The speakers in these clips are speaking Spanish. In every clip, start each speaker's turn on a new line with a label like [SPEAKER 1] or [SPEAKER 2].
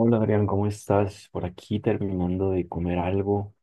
[SPEAKER 1] Hola Adrián, ¿cómo estás? Por aquí terminando de comer algo,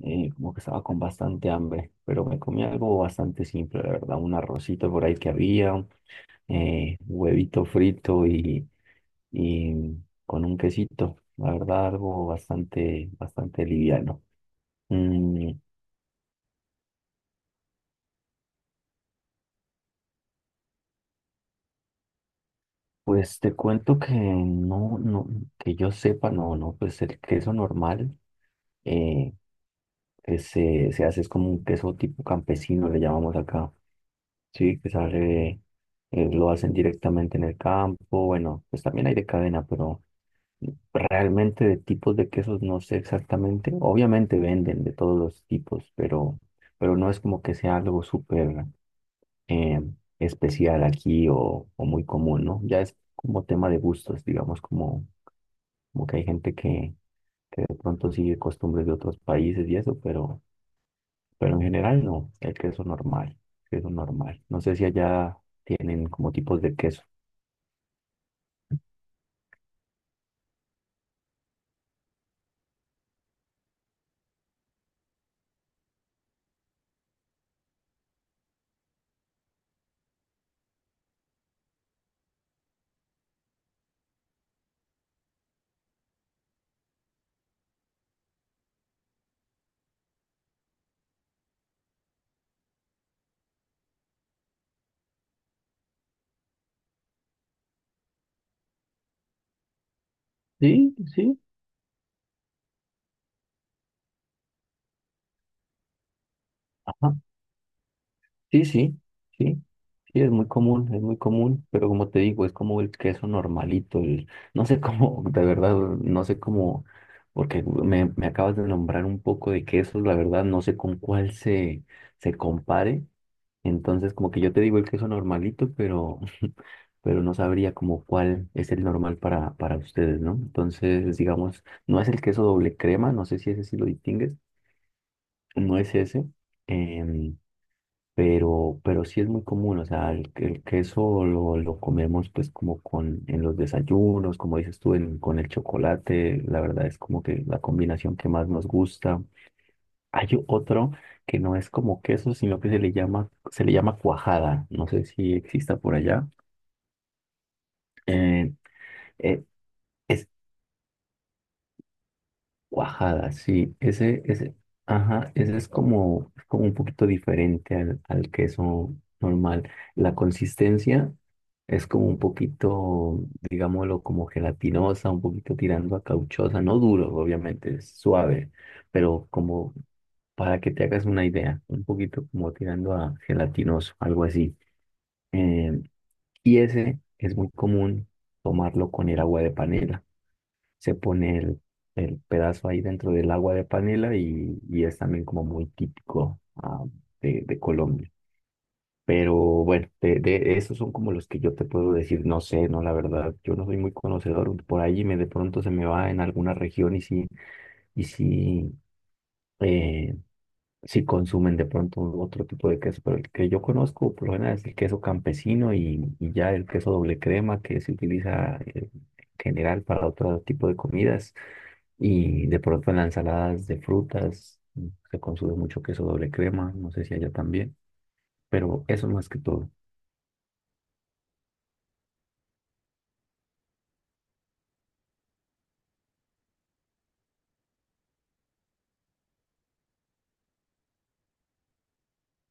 [SPEAKER 1] como que estaba con bastante hambre, pero me comí algo bastante simple, la verdad, un arrocito por ahí que había, huevito frito y, y con un quesito, la verdad, algo bastante, bastante liviano. Mm. Pues te cuento que no, no, que yo sepa, no, no, pues el queso normal, eh, que se hace, es como un queso tipo campesino, le llamamos acá, sí, que sale, lo hacen directamente en el campo. Bueno, pues también hay de cadena, pero realmente de tipos de quesos no sé exactamente, obviamente venden de todos los tipos, pero, no es como que sea algo súper, eh, especial aquí o muy común, ¿no? Ya es como tema de gustos, digamos, como que hay gente que de pronto sigue costumbres de otros países y eso, pero, en general no, el queso normal, queso normal. No sé si allá tienen como tipos de queso. Sí, sí. Sí, sí, sí, sí, es muy común, pero como te digo, es como el queso normalito, el, no sé cómo, de verdad, no sé cómo, porque me acabas de nombrar un poco de quesos, la verdad, no sé con cuál se compare, entonces como que yo te digo el queso normalito, pero, no sabría como cuál es el normal para, ustedes, ¿no? Entonces, digamos, no es el queso doble crema, no sé si ese sí lo distingues, no es ese, em, pero, sí es muy común. O sea, el queso lo comemos pues como con, en los desayunos, como dices tú, con el chocolate, la verdad es como que la combinación que más nos gusta. Hay otro que no es como queso, sino que se le llama, cuajada, no sé si exista por allá. Eh, eh, es, Guajada, sí, ese, ajá, ese es como un poquito diferente al queso normal. La consistencia es como un poquito, digámoslo, como gelatinosa, un poquito tirando a cauchosa, no duro, obviamente, es suave, pero como para que te hagas una idea, un poquito como tirando a gelatinoso, algo así. Eh, y ese es muy común tomarlo con el agua de panela. Se pone el pedazo ahí dentro del agua de panela, y, es también como muy típico, de, Colombia. Pero bueno, de, esos son como los que yo te puedo decir, no sé. No, la verdad, yo no soy muy conocedor, por ahí me de pronto se me va en alguna región, y sí, y sí eh, si consumen de pronto otro tipo de queso, pero el que yo conozco por lo general es el queso campesino, y, ya el queso doble crema que se utiliza, en general para otro tipo de comidas, y de pronto en las ensaladas de frutas, se consume mucho queso doble crema, no sé si allá también, pero eso más que todo.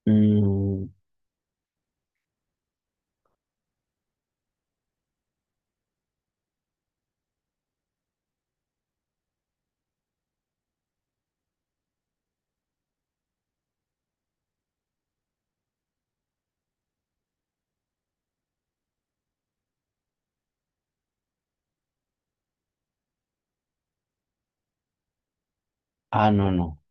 [SPEAKER 1] Mm. Ah, no, no.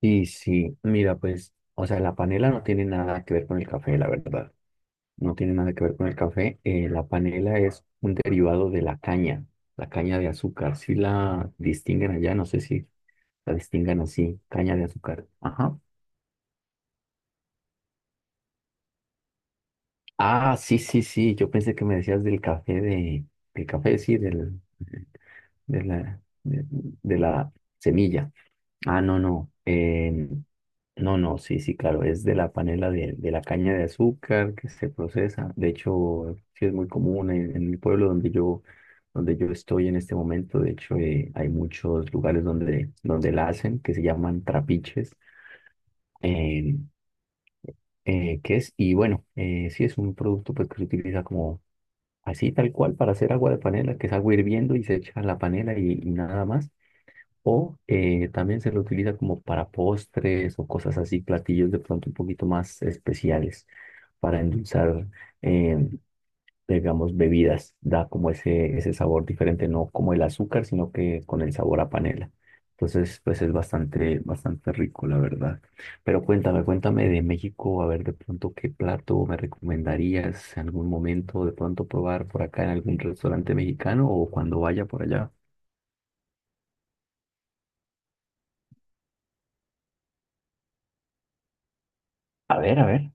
[SPEAKER 1] Sí, sí, mira, pues, o sea, la panela no tiene nada que ver con el café, la verdad. No tiene nada que ver con el café. La panela es un derivado de la caña de azúcar. Si la distinguen allá, no sé si la distingan así, caña de azúcar. Ajá. Ah, sí, sí, sí. Yo pensé que me decías del café de, del café, sí, de la, de de la semilla. Ah, no, no. No, no, sí, sí, claro. Es de la panela de, la caña de azúcar que se procesa. De hecho, sí es muy común en, el pueblo donde yo, estoy en este momento. De hecho, hay muchos lugares donde, la hacen, que se llaman trapiches. Eh, ¿Qué es? Y bueno, sí es un producto, pues, que se utiliza como así, tal cual, para hacer agua de panela, que es agua hirviendo y se echa la panela, y nada más. O, también se lo utiliza como para postres o cosas así, platillos de pronto un poquito más especiales para endulzar, eh, digamos, bebidas. Da como ese, sabor diferente, no como el azúcar, sino que con el sabor a panela. Entonces, pues es bastante, bastante rico, la verdad. Pero cuéntame, cuéntame de México, a ver de pronto qué plato me recomendarías en algún momento, de pronto probar por acá en algún restaurante mexicano o cuando vaya por allá. A ver, a ver.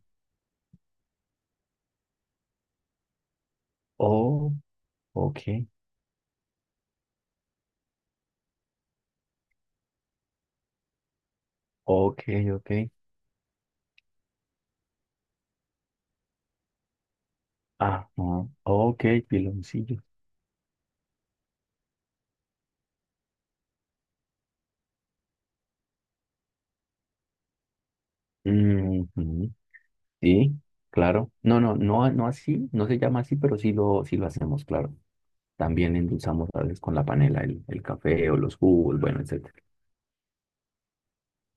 [SPEAKER 1] Oh, ok. Ok, ok. Ajá. Ok, piloncillo. Ujú. Sí, claro. No, no, no, no así, no se llama así, pero sí lo hacemos, claro. También endulzamos a veces con la panela el café o los jugos, bueno, etcétera.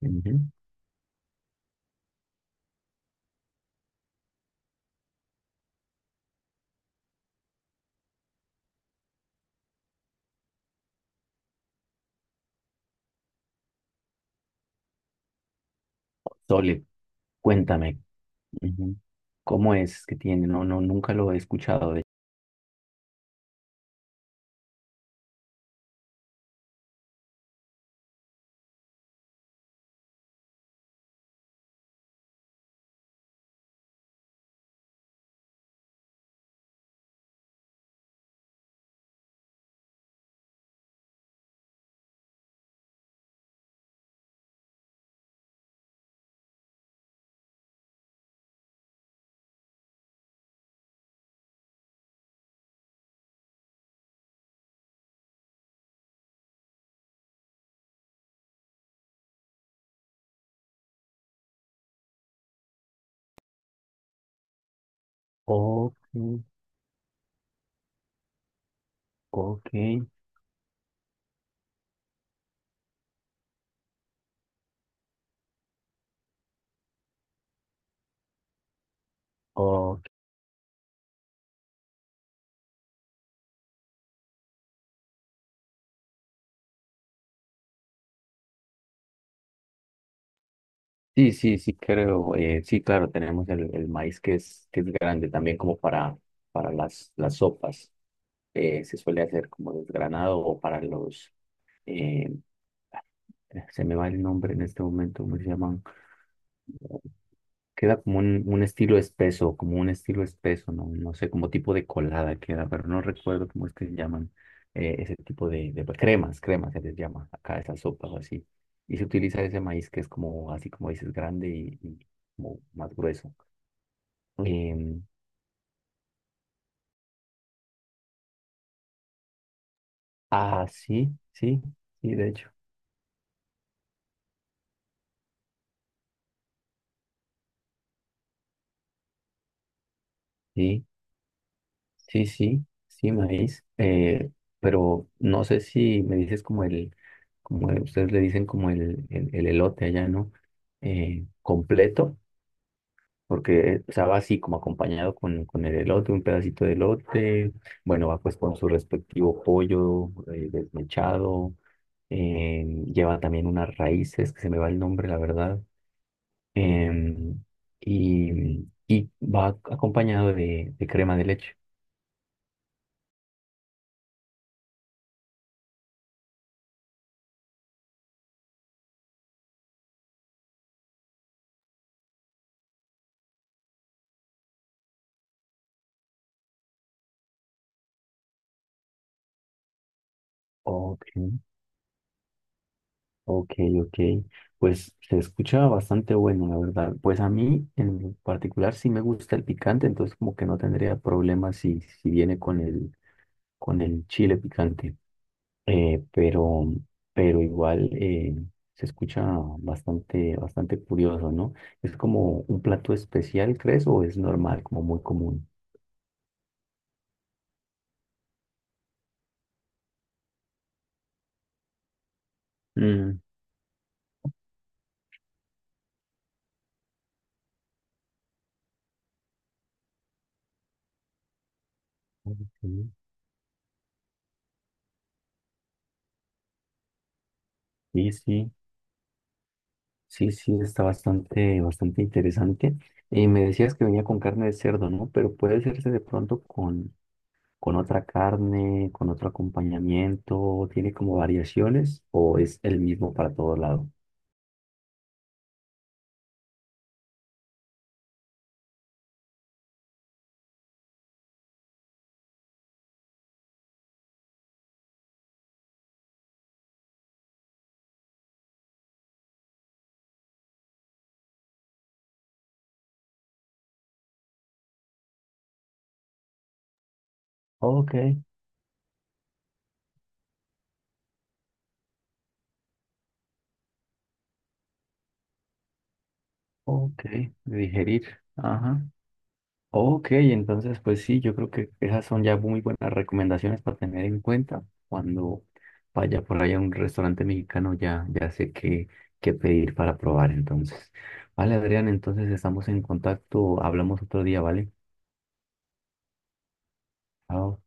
[SPEAKER 1] Ujú. Sole, cuéntame, ujú. ¿Cómo es que tiene? No, no, nunca lo he escuchado de. Ok, ok, ok. Sí, sí, sí, creo. Sí, claro, tenemos el maíz que es, grande también como para, las, sopas. Se suele hacer como desgranado o para los. eh, Se me va el nombre en este momento, ¿cómo se llaman? Queda como un estilo espeso, como un estilo espeso, no, no sé, como tipo de colada queda, pero no recuerdo cómo es que se llaman, ese tipo de, cremas, cremas se les llama acá, a esas sopas o así. Y se utiliza ese maíz que es como, así como dices, grande y como más grueso. Em, ah, sí, sí, sí, de hecho. Sí, sí, sí, sí, maíz. Pero no sé si me dices como el, ustedes le dicen como el elote allá, ¿no? Completo, porque o sea, va así como acompañado con, el elote, un pedacito de elote. Bueno, va pues con su respectivo pollo, desmechado. eh, Lleva también unas raíces, que se me va el nombre, la verdad. em, y, va acompañado de, crema de leche. Ok, ok, ok. Pues se escucha bastante bueno, la verdad. Pues a mí en particular sí me gusta el picante, entonces como que no tendría problema si viene con el, chile picante. Pero, igual, se escucha bastante, bastante curioso, ¿no? ¿Es como un plato especial, crees, o es normal, como muy común? Mm, ok. Sí, sí, sí, sí, está bastante, bastante interesante. Y me decías que venía con carne de cerdo, ¿no? Pero puede hacerse de pronto con, otra carne, con otro acompañamiento, tiene como variaciones, o es el mismo para todo lado. Ok, ok, de digerir. Ajá. Ok, entonces pues sí, yo creo que esas son ya muy buenas recomendaciones para tener en cuenta cuando vaya por ahí a un restaurante mexicano, ya, ya sé qué, qué pedir para probar entonces. Vale, Adrián, entonces estamos en contacto, hablamos otro día, ¿vale? Chao.